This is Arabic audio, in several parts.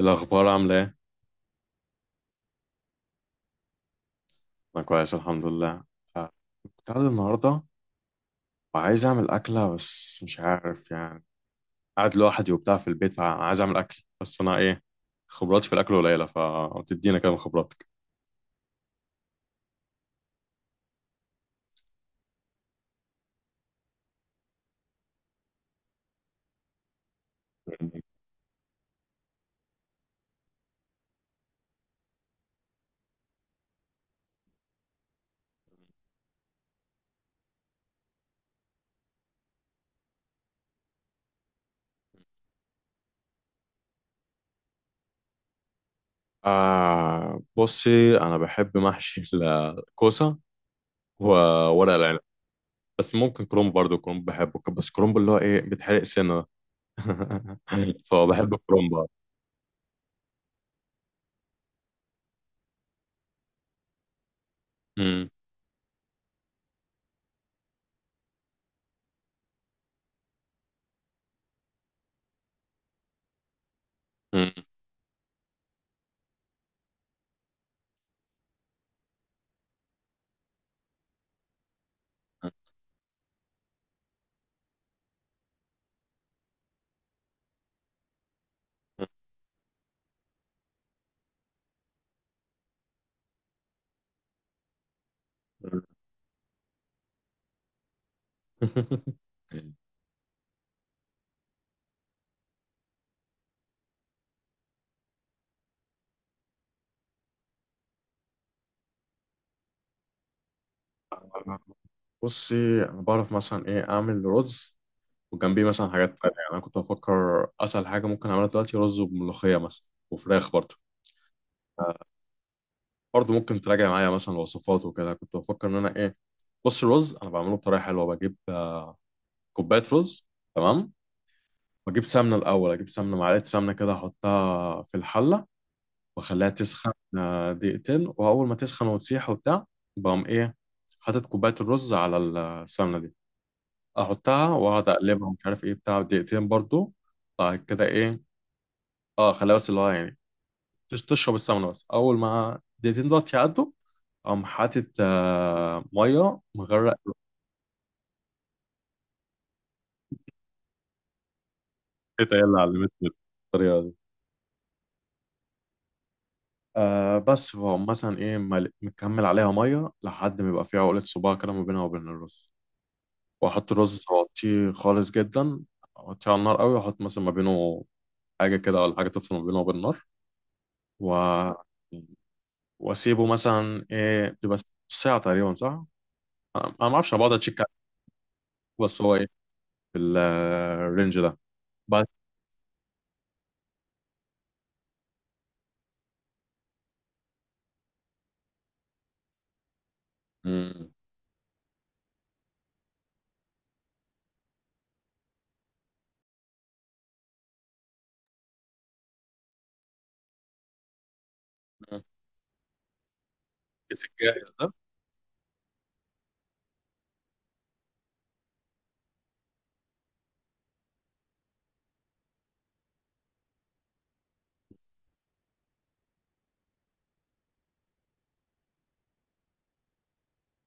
الأخبار عاملة إيه؟ أنا كويس الحمد لله. آه، كنت قاعد النهاردة وعايز أعمل أكلة، بس مش عارف يعني. قاعد لوحدي وبتاع في البيت، فعايز أعمل أكل بس أنا إيه، خبراتي في الأكل قليلة، فتدينا كده من خبراتك. آه، بصي أنا بحب محشي الكوسة وورق العنب. بس ممكن كرومب برضه، كرومب بحبه، بس كرومب اللي هو إيه بيتحرق سنة ده. فبحب الكرومب. أمم. أمم. بصي انا بعرف مثلا ايه اعمل رز وجنبيه مثلا حاجات تانية، يعني انا كنت بفكر اسهل حاجه ممكن اعملها دلوقتي رز وملوخيه مثلا، وفراخ برضه ممكن تراجع معايا مثلا الوصفات وكده. كنت بفكر ان انا ايه، بص الرز انا بعمله بطريقه حلوه. بجيب كوبايه رز، تمام، واجيب سمنه الاول، اجيب سمنه، معلقه سمنه كده احطها في الحله واخليها تسخن دقيقتين. واول ما تسخن وتسيح وبتاع، بقوم ايه، حاطط كوبايه الرز على السمنه دي، احطها واقعد اقلبها ومش عارف ايه بتاع دقيقتين برضو. بعد كده ايه، اه خليها بس اللي هو يعني تشرب السمنه، بس اول ما دقيقتين دول يعدوا، اقوم حاطط آه ميه مغرق. التيتا هي اللي علمتني الطريقه دي. آه بس فهم، مثلا ايه، مكمل عليها ميه لحد ما يبقى فيها عقله صباع كده ما بينها وبين الرز. واحط الرز واغطيه خالص جدا، اغطيه على النار قوي واحط مثلا ما بينه حاجه كده، ولا حاجه تفصل ما بينه وبين النار، و واسيبه مثلا ايه، بيبقى ساعه تقريبا صح. انا ما اعرفش، انا بقعد اتشيك عليه. بس هو ايه، في الرينج ده. بعد. مم. مم. الكيس الجاهز ده؟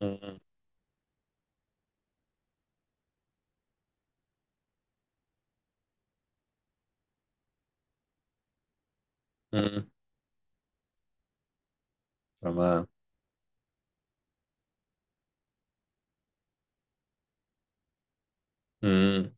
مم. مم. تمام. مم.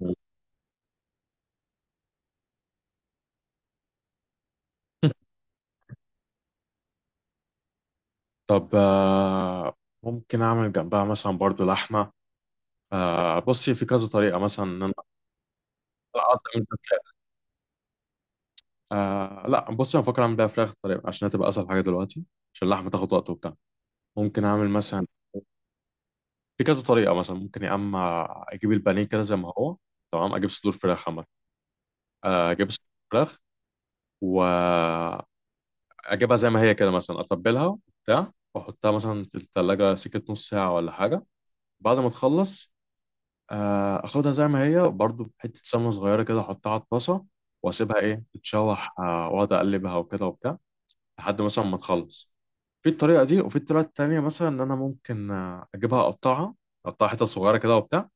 طب ممكن اعمل جنبها مثلا برضو لحمه. آه، بصي في كذا طريقه مثلا ان انا. لا أصلاً من الفراخ. آه، لا بصي انا بفكر اعمل بيها فراخ طريقه عشان هتبقى اسهل حاجه دلوقتي، عشان اللحمه تاخد وقت وبتاع. ممكن اعمل مثلا في كذا طريقة، مثلا ممكن يا اما اجيب البانيه كده زي ما هو، تمام، اجيب صدور فراخ عامة. اجيب صدور فراخ واجيبها زي ما هي كده، مثلا اتبلها وبتاع واحطها مثلا في التلاجة سكة نص ساعة ولا حاجة. بعد ما تخلص، اخدها زي ما هي برضو، بحتة سمنة صغيرة كده احطها على الطاسة واسيبها ايه تتشوح، واقعد اقلبها وكده وبتاع لحد مثلا ما تخلص. في الطريقة دي وفي الطريقة التانية مثلا، ان انا ممكن اجيبها اقطعها، اقطعها حتت صغيرة كده وبتاع،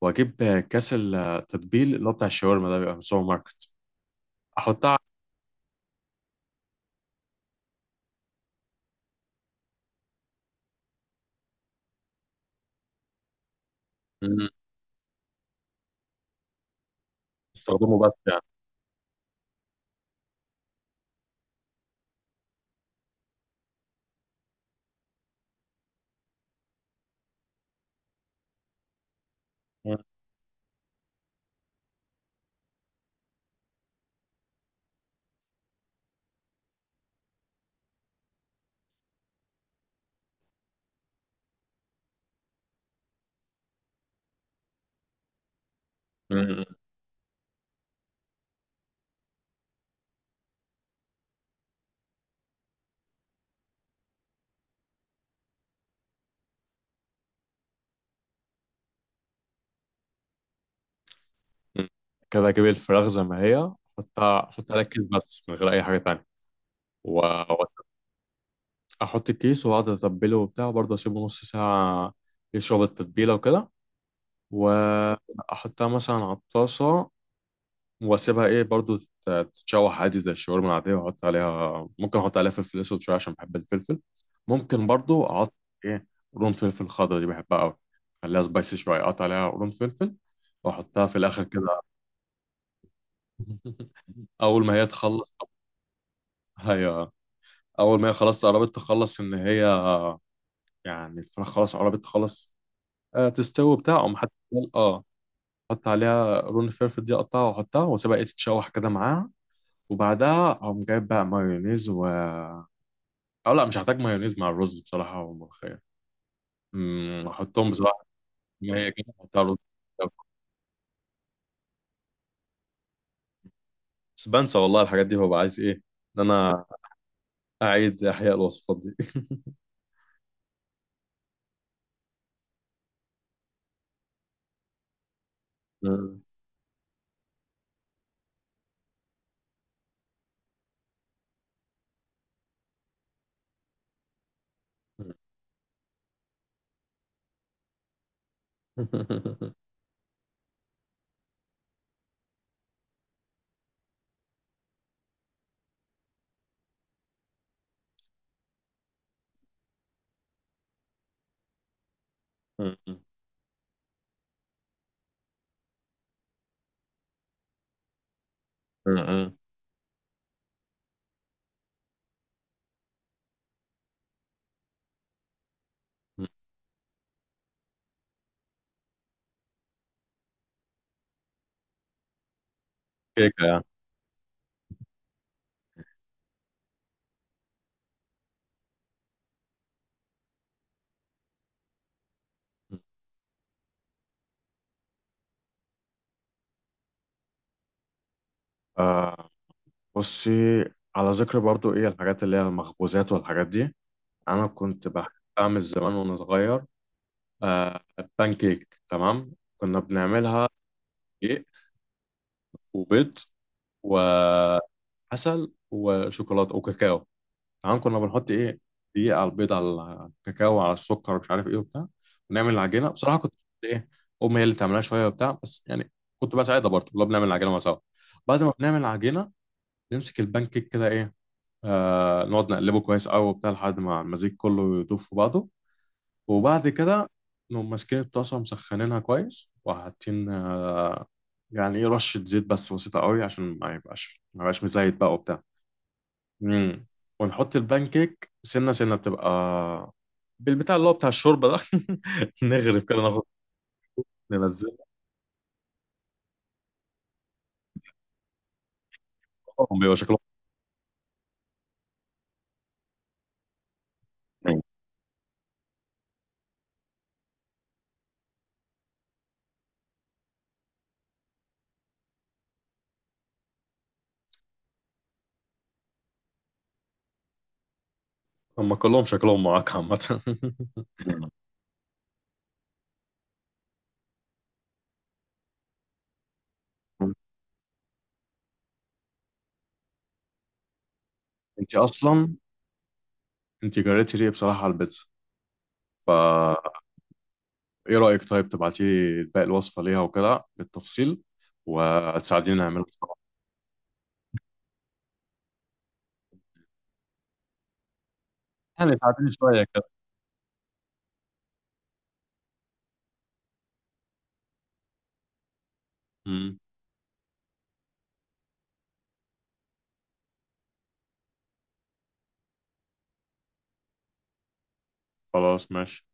واجيب كاس التتبيل اللي هو بتاع الشاورما ده بيبقى من السوبر ماركت، احطها على- مم. استخدمه بس يعني. مم. مم. مم. كده اجيب الفراخ زي ما هي، احطها، احط عليها الكيس بس من غير اي حاجه تانية. واحط الكيس واقعد اتبله وبتاع، وبرضه اسيبه نص ساعه يشرب التتبيله وكده، واحطها مثلا على الطاسه واسيبها ايه برضو تتشوح عادي زي الشاورما العاديه. واحط عليها، ممكن احط عليها فلفل اسود شويه عشان بحب الفلفل. ممكن برضو احط ايه قرون فلفل خضرا، دي بحبها قوي. خليها سبايسي شويه، اقطع عليها قرون فلفل واحطها في الاخر كده. اول ما هي تخلص، هي اول ما هي خلاص قربت تخلص، ان هي يعني الفراخ خلاص قربت تخلص، تستوي بتاع، اقوم حط. اه حط عليها قرون الفلفل دي، اقطعها واحطها واسيبها ايه تتشوح كده معاها. وبعدها اقوم جايب بقى مايونيز و... اه لا، مش هحتاج مايونيز مع الرز بصراحة والملوخية. احطهم بصراحة زي ما هي كده، احطها رز. بس بنسى والله الحاجات دي، ببقى عايز ايه، ان انا اعيد احياء الوصفات دي. امم. امم. كيكة يعني. آه بصي، على ذكر برضو ايه الحاجات اللي هي المخبوزات والحاجات دي، انا كنت بحب اعمل زمان وانا صغير آه بان كيك، تمام. كنا بنعملها دقيق وبيض و عسل وشوكولاته وكاكاو، تمام. كنا بنحط ايه دقيقه على البيض على الكاكاو على السكر ومش عارف ايه وبتاع، ونعمل العجينه. بصراحه كنت ايه، امي هي اللي تعملها شويه وبتاع، بس يعني كنت بساعدها برضه، كنا بنعمل العجينه مع سوا. بعد ما بنعمل العجينه، نمسك البان كيك كده ايه، آه نقعد نقلبه كويس قوي وبتاع لحد ما المزيج كله يدوب في بعضه. وبعد كده نقوم ماسكين الطاسه مسخنينها كويس، وحاطين يعني ايه رشه زيت بس بسيطه قوي عشان ما يبقاش مزيت بقى وبتاع. امم. ونحط البانكيك سنه سنه، بتبقى بالبتاع اللي هو بتاع الشوربه ده، نغرف كده ناخد ننزلهم، بيبقى شكلهم. هم كلهم شكلهم معاك عامه. انت اصلا، انت جريتي ليه بصراحه على البيتزا. فا ايه رايك طيب، تبعتي لي باقي الوصفه ليها وكده بالتفصيل وتساعديني نعملها. يعني ساعديني شويه كده. امم. خلاص ماشي.